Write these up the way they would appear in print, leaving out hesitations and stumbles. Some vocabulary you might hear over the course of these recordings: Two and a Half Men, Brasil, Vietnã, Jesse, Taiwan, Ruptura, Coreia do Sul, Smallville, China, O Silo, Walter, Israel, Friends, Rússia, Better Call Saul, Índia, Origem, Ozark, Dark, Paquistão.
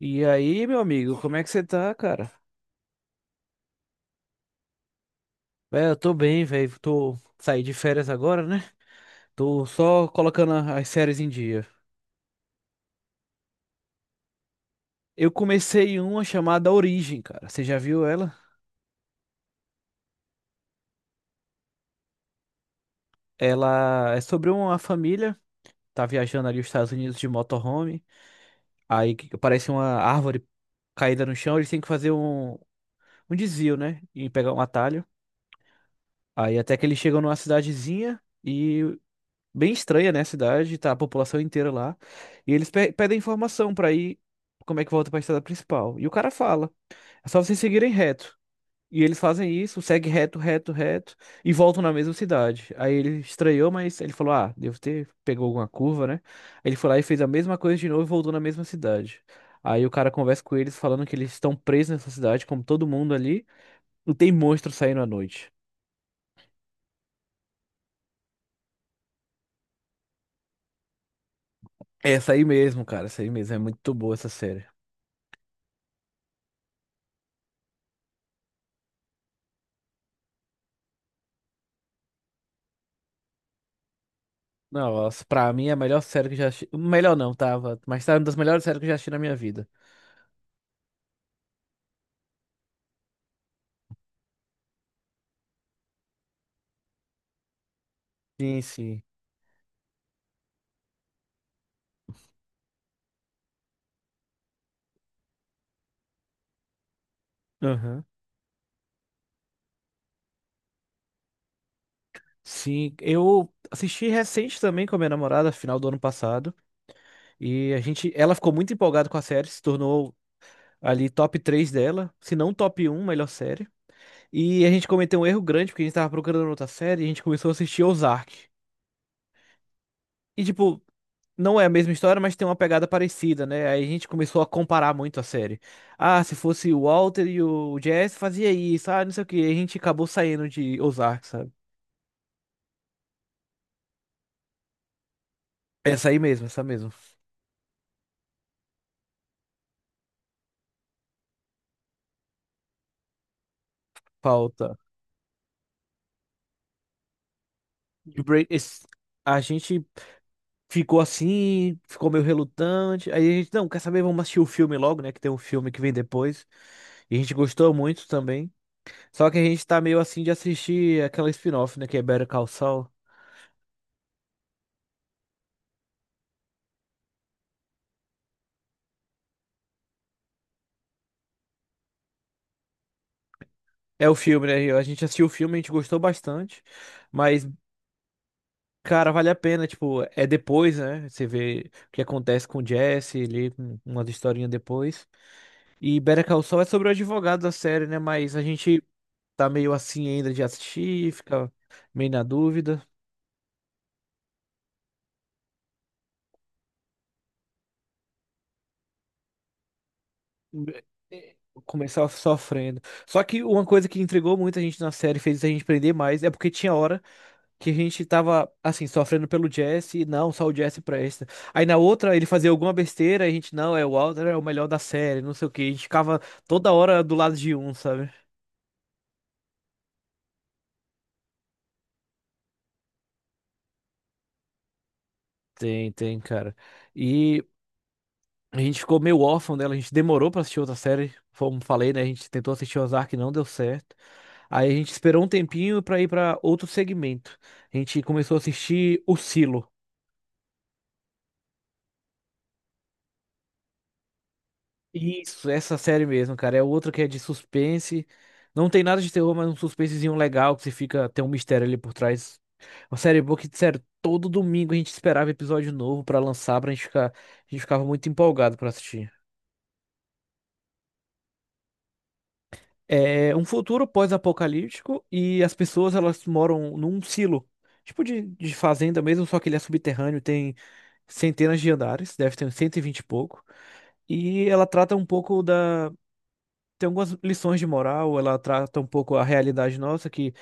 E aí, meu amigo, como é que você tá, cara? Véi, eu tô bem, velho. Tô saí de férias agora, né? Tô só colocando as séries em dia. Eu comecei uma chamada Origem, cara. Você já viu ela? Ela é sobre uma família, tá viajando ali os Estados Unidos de motorhome. Aí que aparece uma árvore caída no chão, eles têm que fazer um desvio, né? E pegar um atalho. Aí até que eles chegam numa cidadezinha, e bem estranha, né, a cidade, tá a população inteira lá. E eles pedem informação pra ir como é que volta pra estrada principal. E o cara fala, é só vocês seguirem reto. E eles fazem isso, segue reto, reto, reto e voltam na mesma cidade. Aí ele estranhou, mas ele falou: "Ah, devo ter pegou alguma curva, né?" Ele foi lá e fez a mesma coisa de novo e voltou na mesma cidade. Aí o cara conversa com eles falando que eles estão presos nessa cidade, como todo mundo ali, e tem monstro saindo à noite. É essa aí mesmo, cara, essa aí mesmo, é muito boa essa série. Não, nossa, pra mim é a melhor série que eu já assisti. Melhor não, tava. Mas tá uma das melhores séries que eu já assisti na minha vida. Sim, sim. Aham. Sim, eu assisti recente também com a minha namorada, final do ano passado. E a gente, ela ficou muito empolgada com a série, se tornou ali top 3 dela, se não top um melhor série. E a gente cometeu um erro grande, porque a gente tava procurando outra série e a gente começou a assistir Ozark. E tipo, não é a mesma história, mas tem uma pegada parecida, né? Aí a gente começou a comparar muito a série. Ah, se fosse o Walter e o Jesse fazia isso, ah, não sei o quê. Aí a gente acabou saindo de Ozark, sabe? Essa aí mesmo, essa mesmo. Falta. De Bra- esse- A gente ficou assim, ficou meio relutante. Aí a gente, não, quer saber? Vamos assistir o filme logo, né? Que tem um filme que vem depois. E a gente gostou muito também. Só que a gente tá meio assim de assistir aquela spin-off, né? Que é Better Call Saul. É o filme, né? A gente assistiu o filme, a gente gostou bastante. Mas cara, vale a pena, tipo, é depois, né? Você vê o que acontece com o Jesse, ali, umas historinhas depois. E Better Call Saul é sobre o advogado da série, né? Mas a gente tá meio assim ainda de assistir, fica meio na dúvida. É, é, começar sofrendo. Só que uma coisa que intrigou muito a gente na série, fez a gente prender mais, é porque tinha hora que a gente tava, assim, sofrendo pelo Jesse, não, só o Jesse presta. Aí na outra ele fazia alguma besteira, a gente, não, é o Walter é o melhor da série, não sei o quê. A gente ficava toda hora do lado de um, sabe? Tem, tem, cara. E a gente ficou meio órfão dela, a gente demorou pra assistir outra série, como falei, né? A gente tentou assistir Ozark, e não deu certo. Aí a gente esperou um tempinho pra ir pra outro segmento. A gente começou a assistir O Silo. Isso, essa série mesmo, cara. É outra que é de suspense. Não tem nada de terror, mas um suspensezinho legal que você fica. Tem um mistério ali por trás. Uma série boa que, sério, todo domingo a gente esperava episódio novo pra lançar, pra gente ficar. A gente ficava muito empolgado pra assistir. É um futuro pós-apocalíptico e as pessoas elas moram num silo. Tipo de fazenda mesmo, só que ele é subterrâneo, tem centenas de andares, deve ter uns 120 e vinte e pouco. E ela trata um pouco da tem algumas lições de moral, ela trata um pouco a realidade nossa, que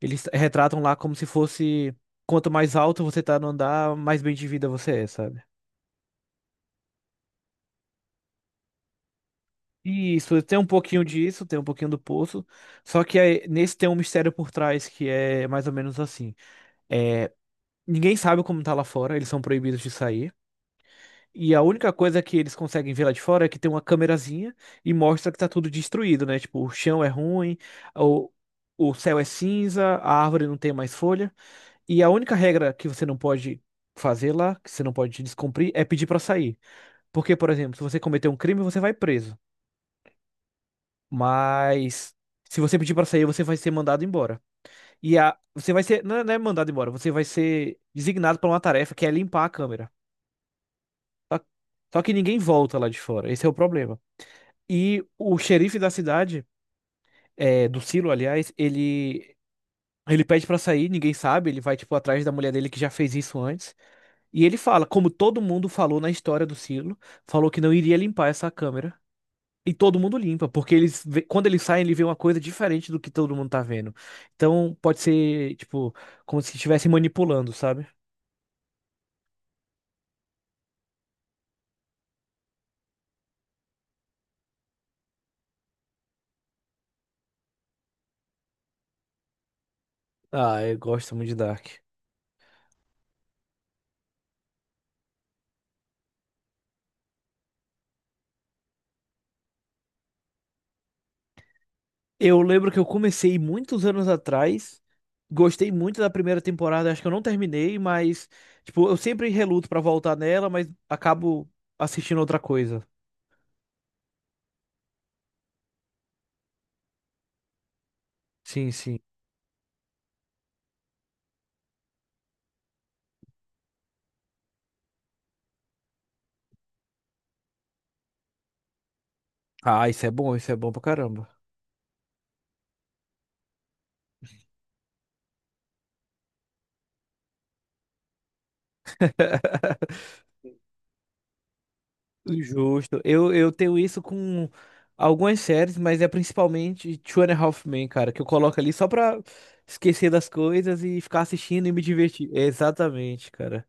eles retratam lá como se fosse quanto mais alto você tá no andar, mais bem de vida você é, sabe? E isso tem um pouquinho disso, tem um pouquinho do poço, só que aí, nesse tem um mistério por trás que é mais ou menos assim. É, ninguém sabe como tá lá fora, eles são proibidos de sair. E a única coisa que eles conseguem ver lá de fora é que tem uma câmerazinha e mostra que tá tudo destruído, né? Tipo, o chão é ruim, o, o céu é cinza, a árvore não tem mais folha. E a única regra que você não pode fazer lá, que você não pode descumprir, é pedir pra sair. Porque, por exemplo, se você cometer um crime, você vai preso. Mas se você pedir pra sair, você vai ser mandado embora. E a você vai ser não é mandado embora, você vai ser designado para uma tarefa que é limpar a câmera. Só só que ninguém volta lá de fora. Esse é o problema. E o xerife da cidade, é, do Silo, aliás, ele ele pede pra sair, ninguém sabe, ele vai tipo atrás da mulher dele que já fez isso antes. E ele fala, como todo mundo falou na história do Silo, falou que não iria limpar essa câmera. E todo mundo limpa, porque eles, quando eles saem, ele vê uma coisa diferente do que todo mundo tá vendo. Então, pode ser, tipo, como se estivesse manipulando, sabe? Ah, eu gosto muito de Dark. Eu lembro que eu comecei muitos anos atrás, gostei muito da primeira temporada, acho que eu não terminei, mas, tipo, eu sempre reluto pra voltar nela, mas acabo assistindo outra coisa. Sim, sim. Ah, isso é bom pra caramba. Justo. Eu tenho isso com algumas séries, mas é principalmente Two and a Half Men, cara, que eu coloco ali só pra esquecer das coisas e ficar assistindo e me divertir. Exatamente, cara.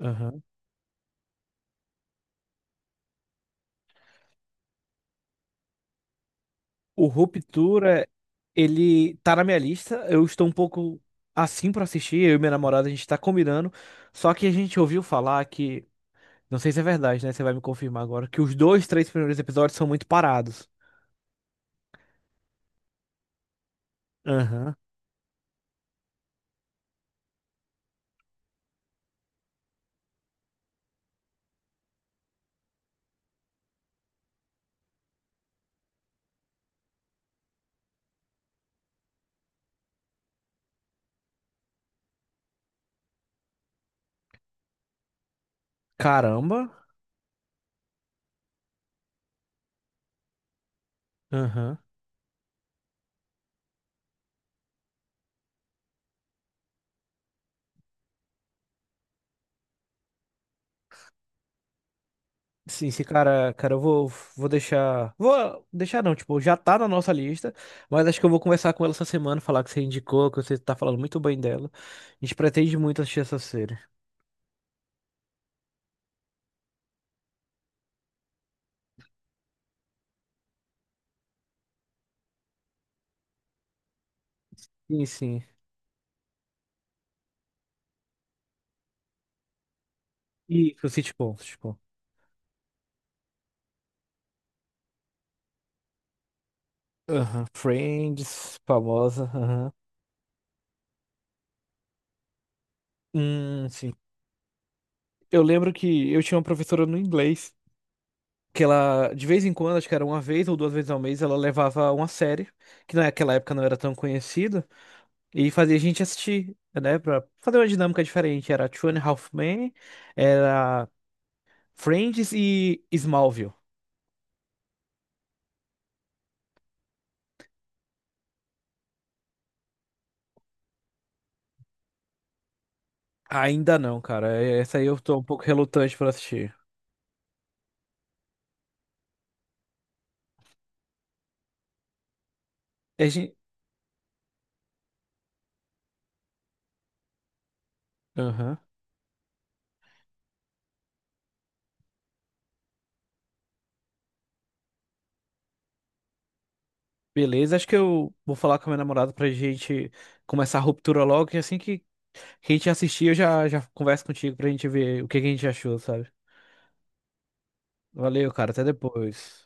Aham. O Ruptura, ele tá na minha lista. Eu estou um pouco assim pra assistir. Eu e minha namorada, a gente tá combinando. Só que a gente ouviu falar que, não sei se é verdade, né? Você vai me confirmar agora, que os dois, três primeiros episódios são muito parados. Aham. Caramba. Aham. Sim, esse cara, cara, vou deixar. Vou deixar não, tipo, já tá na nossa lista, mas acho que eu vou conversar com ela essa semana, falar que você indicou, que você tá falando muito bem dela. A gente pretende muito assistir essa série. Sim, sim. E o sitcom. Aham, Friends, famosa. Aham. Sim. Eu lembro que eu tinha uma professora no inglês, que ela, de vez em quando, acho que era uma vez ou duas vezes ao mês, ela levava uma série, que naquela época não era tão conhecida. E fazia a gente assistir, né? Pra fazer uma dinâmica diferente. Era Two and a Half Men, era Friends e Smallville. Ainda não, cara. É, essa aí eu tô um pouco relutante pra assistir. A gente... Aham. Beleza, acho que eu vou falar com a minha namorada pra gente começar a ruptura logo. E assim que a gente assistir, eu já converso contigo pra gente ver o que que a gente achou, sabe? Valeu, cara. Até depois.